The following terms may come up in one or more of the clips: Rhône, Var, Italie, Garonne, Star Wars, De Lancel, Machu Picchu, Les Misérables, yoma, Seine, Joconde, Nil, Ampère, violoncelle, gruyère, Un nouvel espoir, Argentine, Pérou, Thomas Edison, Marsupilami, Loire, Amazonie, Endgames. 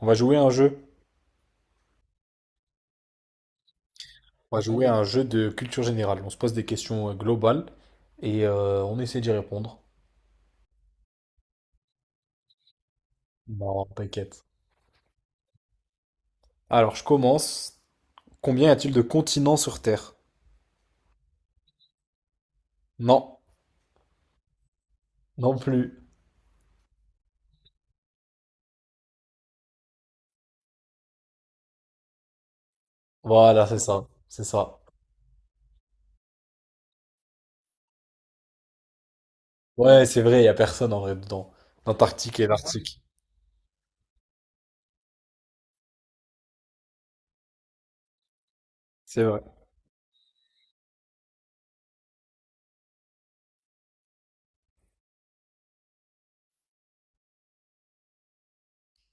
On va jouer à un jeu. On va jouer à un jeu de culture générale. On se pose des questions globales et on essaie d'y répondre. Non, t'inquiète. Alors, je commence. Combien y a-t-il de continents sur Terre? Non, non plus. Voilà, c'est ça. C'est ça. Ouais, c'est vrai, il n'y a personne en vrai dedans. L'Antarctique et l'Arctique. C'est vrai.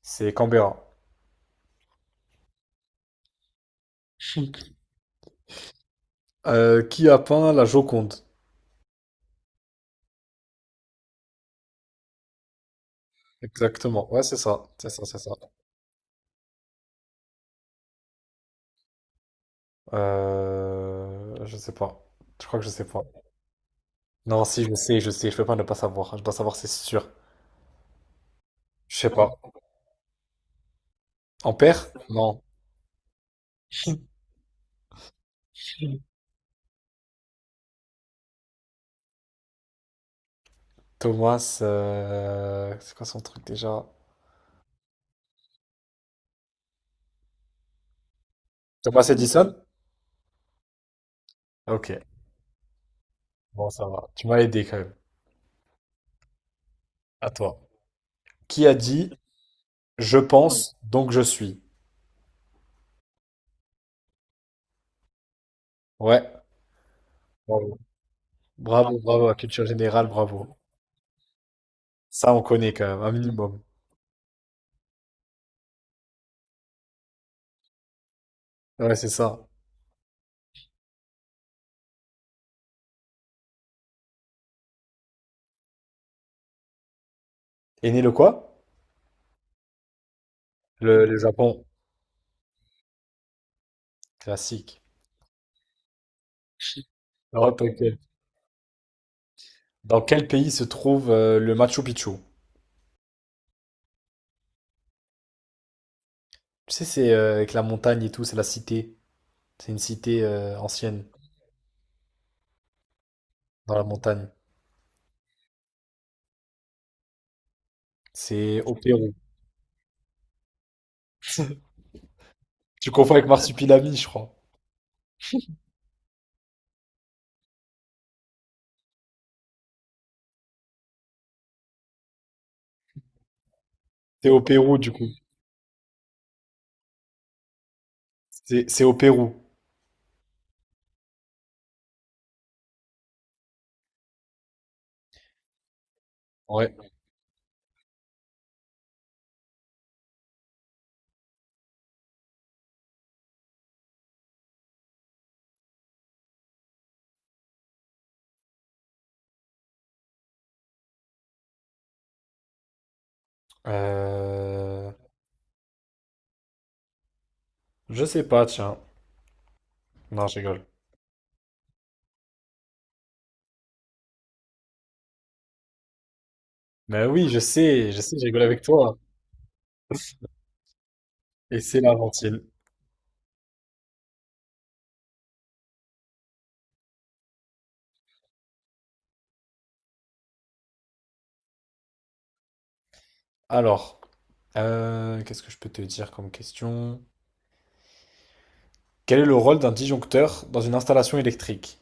C'est Canberra. Qui a peint la Joconde? Exactement. Ouais, c'est ça. C'est ça, c'est ça. Je sais pas. Je crois que je sais pas. Non, si, je sais, je sais, je peux pas ne pas savoir. Je dois savoir, c'est sûr. Je sais pas. Ampère? Non. Thomas, c'est quoi son truc déjà? Thomas Edison? Ok, bon, ça va. Tu m'as aidé quand même. À toi. Qui a dit je pense, donc je suis? Ouais, bravo. Bravo, bravo, la culture générale, bravo. Ça, on connaît quand même, un minimum. Ouais, c'est ça. Et né le quoi? Le Japon. Classique. Alors, t'inquiète. Dans quel pays se trouve le Machu Picchu? Tu sais, c'est avec la montagne et tout, c'est la cité. C'est une cité ancienne dans la montagne. C'est au Pérou. Tu confonds avec Marsupilami, je crois. C'est au Pérou, du coup. C'est au Pérou. Ouais. Euh, Je sais pas, tiens. Non, je rigole. Mais oui, je sais, je sais, je rigole avec toi. Et c'est l'Argentine. Alors, qu'est-ce que je peux te dire comme question? Quel est le rôle d'un disjoncteur dans une installation électrique?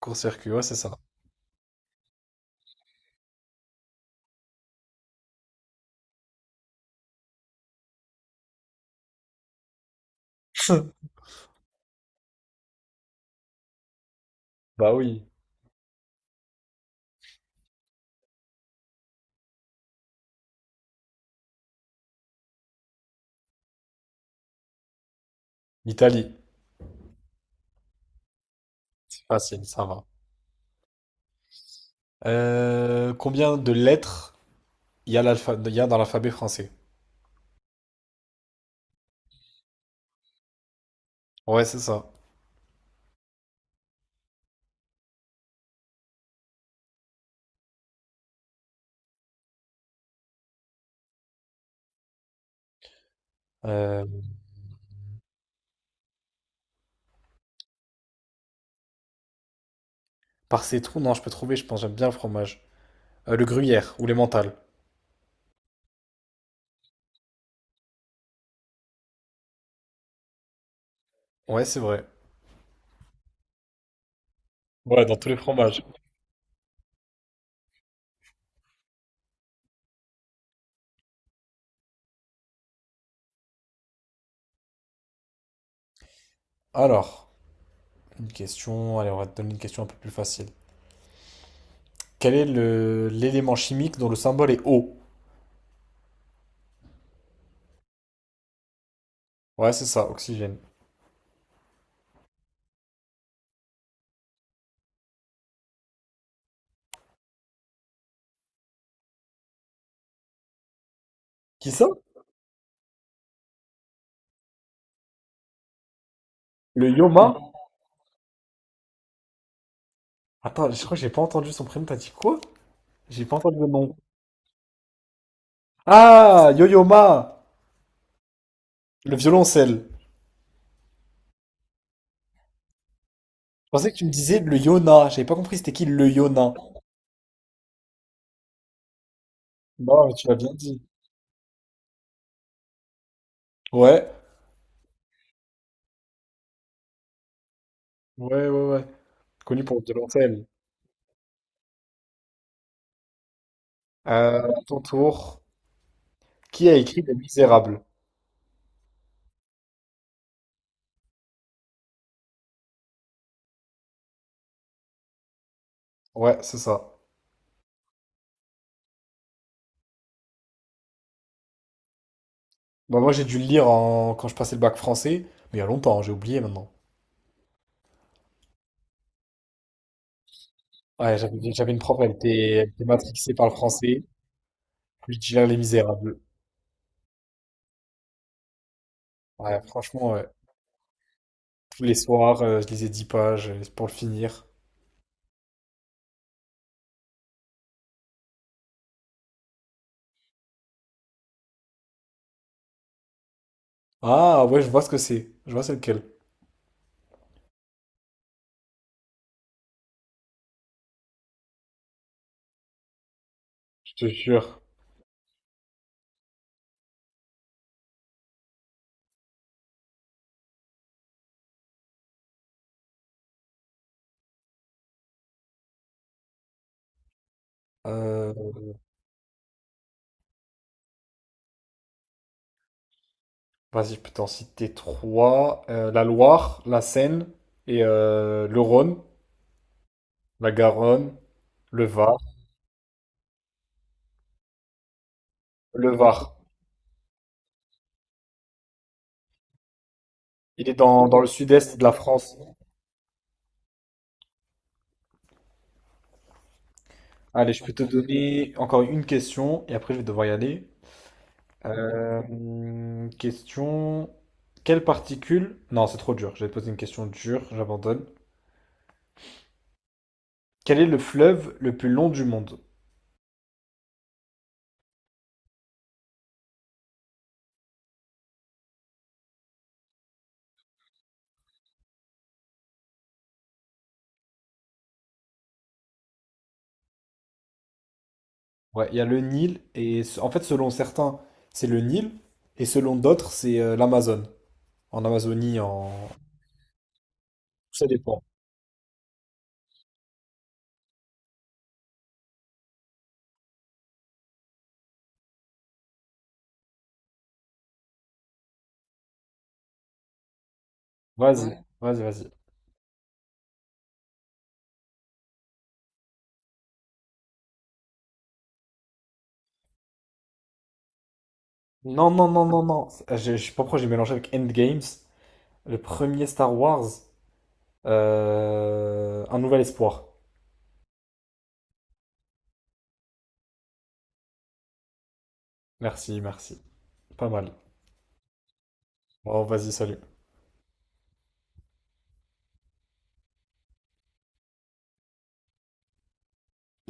Court-circuit, ouais, c'est ça. Bah oui. L'Italie. C'est facile, ça va. Combien de lettres il y a dans l'alphabet français. Ouais, c'est ça. Euh, par ces trous, non, je peux trouver, je pense, j'aime bien le fromage. Le gruyère ou les mentales. Ouais, c'est vrai. Ouais, dans tous les fromages. Alors, une question, allez, on va te donner une question un peu plus facile. Quel est le l'élément chimique dont le symbole est O? Ouais, c'est ça, oxygène. Qui ça? Le yoma? Attends, je crois que j'ai pas entendu son prénom, t'as dit quoi? J'ai pas entendu le nom. Ah, yo-yoma! Le violoncelle. Je pensais que tu me disais le yona, j'avais pas compris c'était qui le yona. Non, mais tu l'as bien dit. Ouais, ouais, ouais, ouais. Connu pour De Lancel. À ton tour, qui a écrit Les Misérables? Ouais, c'est ça. Bah, moi, j'ai dû le lire en… quand je passais le bac français, mais il y a longtemps, hein, j'ai oublié maintenant. Ouais, j'avais une prof, elle était matrixée par le français, puis je lire Les Misérables. Ouais, franchement, ouais. Tous les soirs, je lisais 10 pages pour le finir. Ah, ouais, je vois ce que c'est. Je vois c'est lequel. Je te jure. Euh, Vas-y, je peux t'en citer trois. La Loire, la Seine et le Rhône. La Garonne, le Var. Le Var. Il est dans, dans le sud-est de la France. Allez, je peux te donner encore une question et après je vais devoir y aller. Question. Quelle particule… Non, c'est trop dur. Je vais te poser une question dure, j'abandonne. Quel est le fleuve le plus long du monde? Ouais, il y a le Nil et se- en fait, selon certains, c'est le Nil et selon d'autres, c'est l'Amazone. En Amazonie, en… Ça dépend. Vas-y, ouais, vas-y, vas-y. Non, non, non, non, non. C'est… je sais pas pourquoi j'ai mélangé avec Endgames. Le premier Star Wars. Un nouvel espoir. Merci, merci. Pas mal. Bon, vas-y, salut.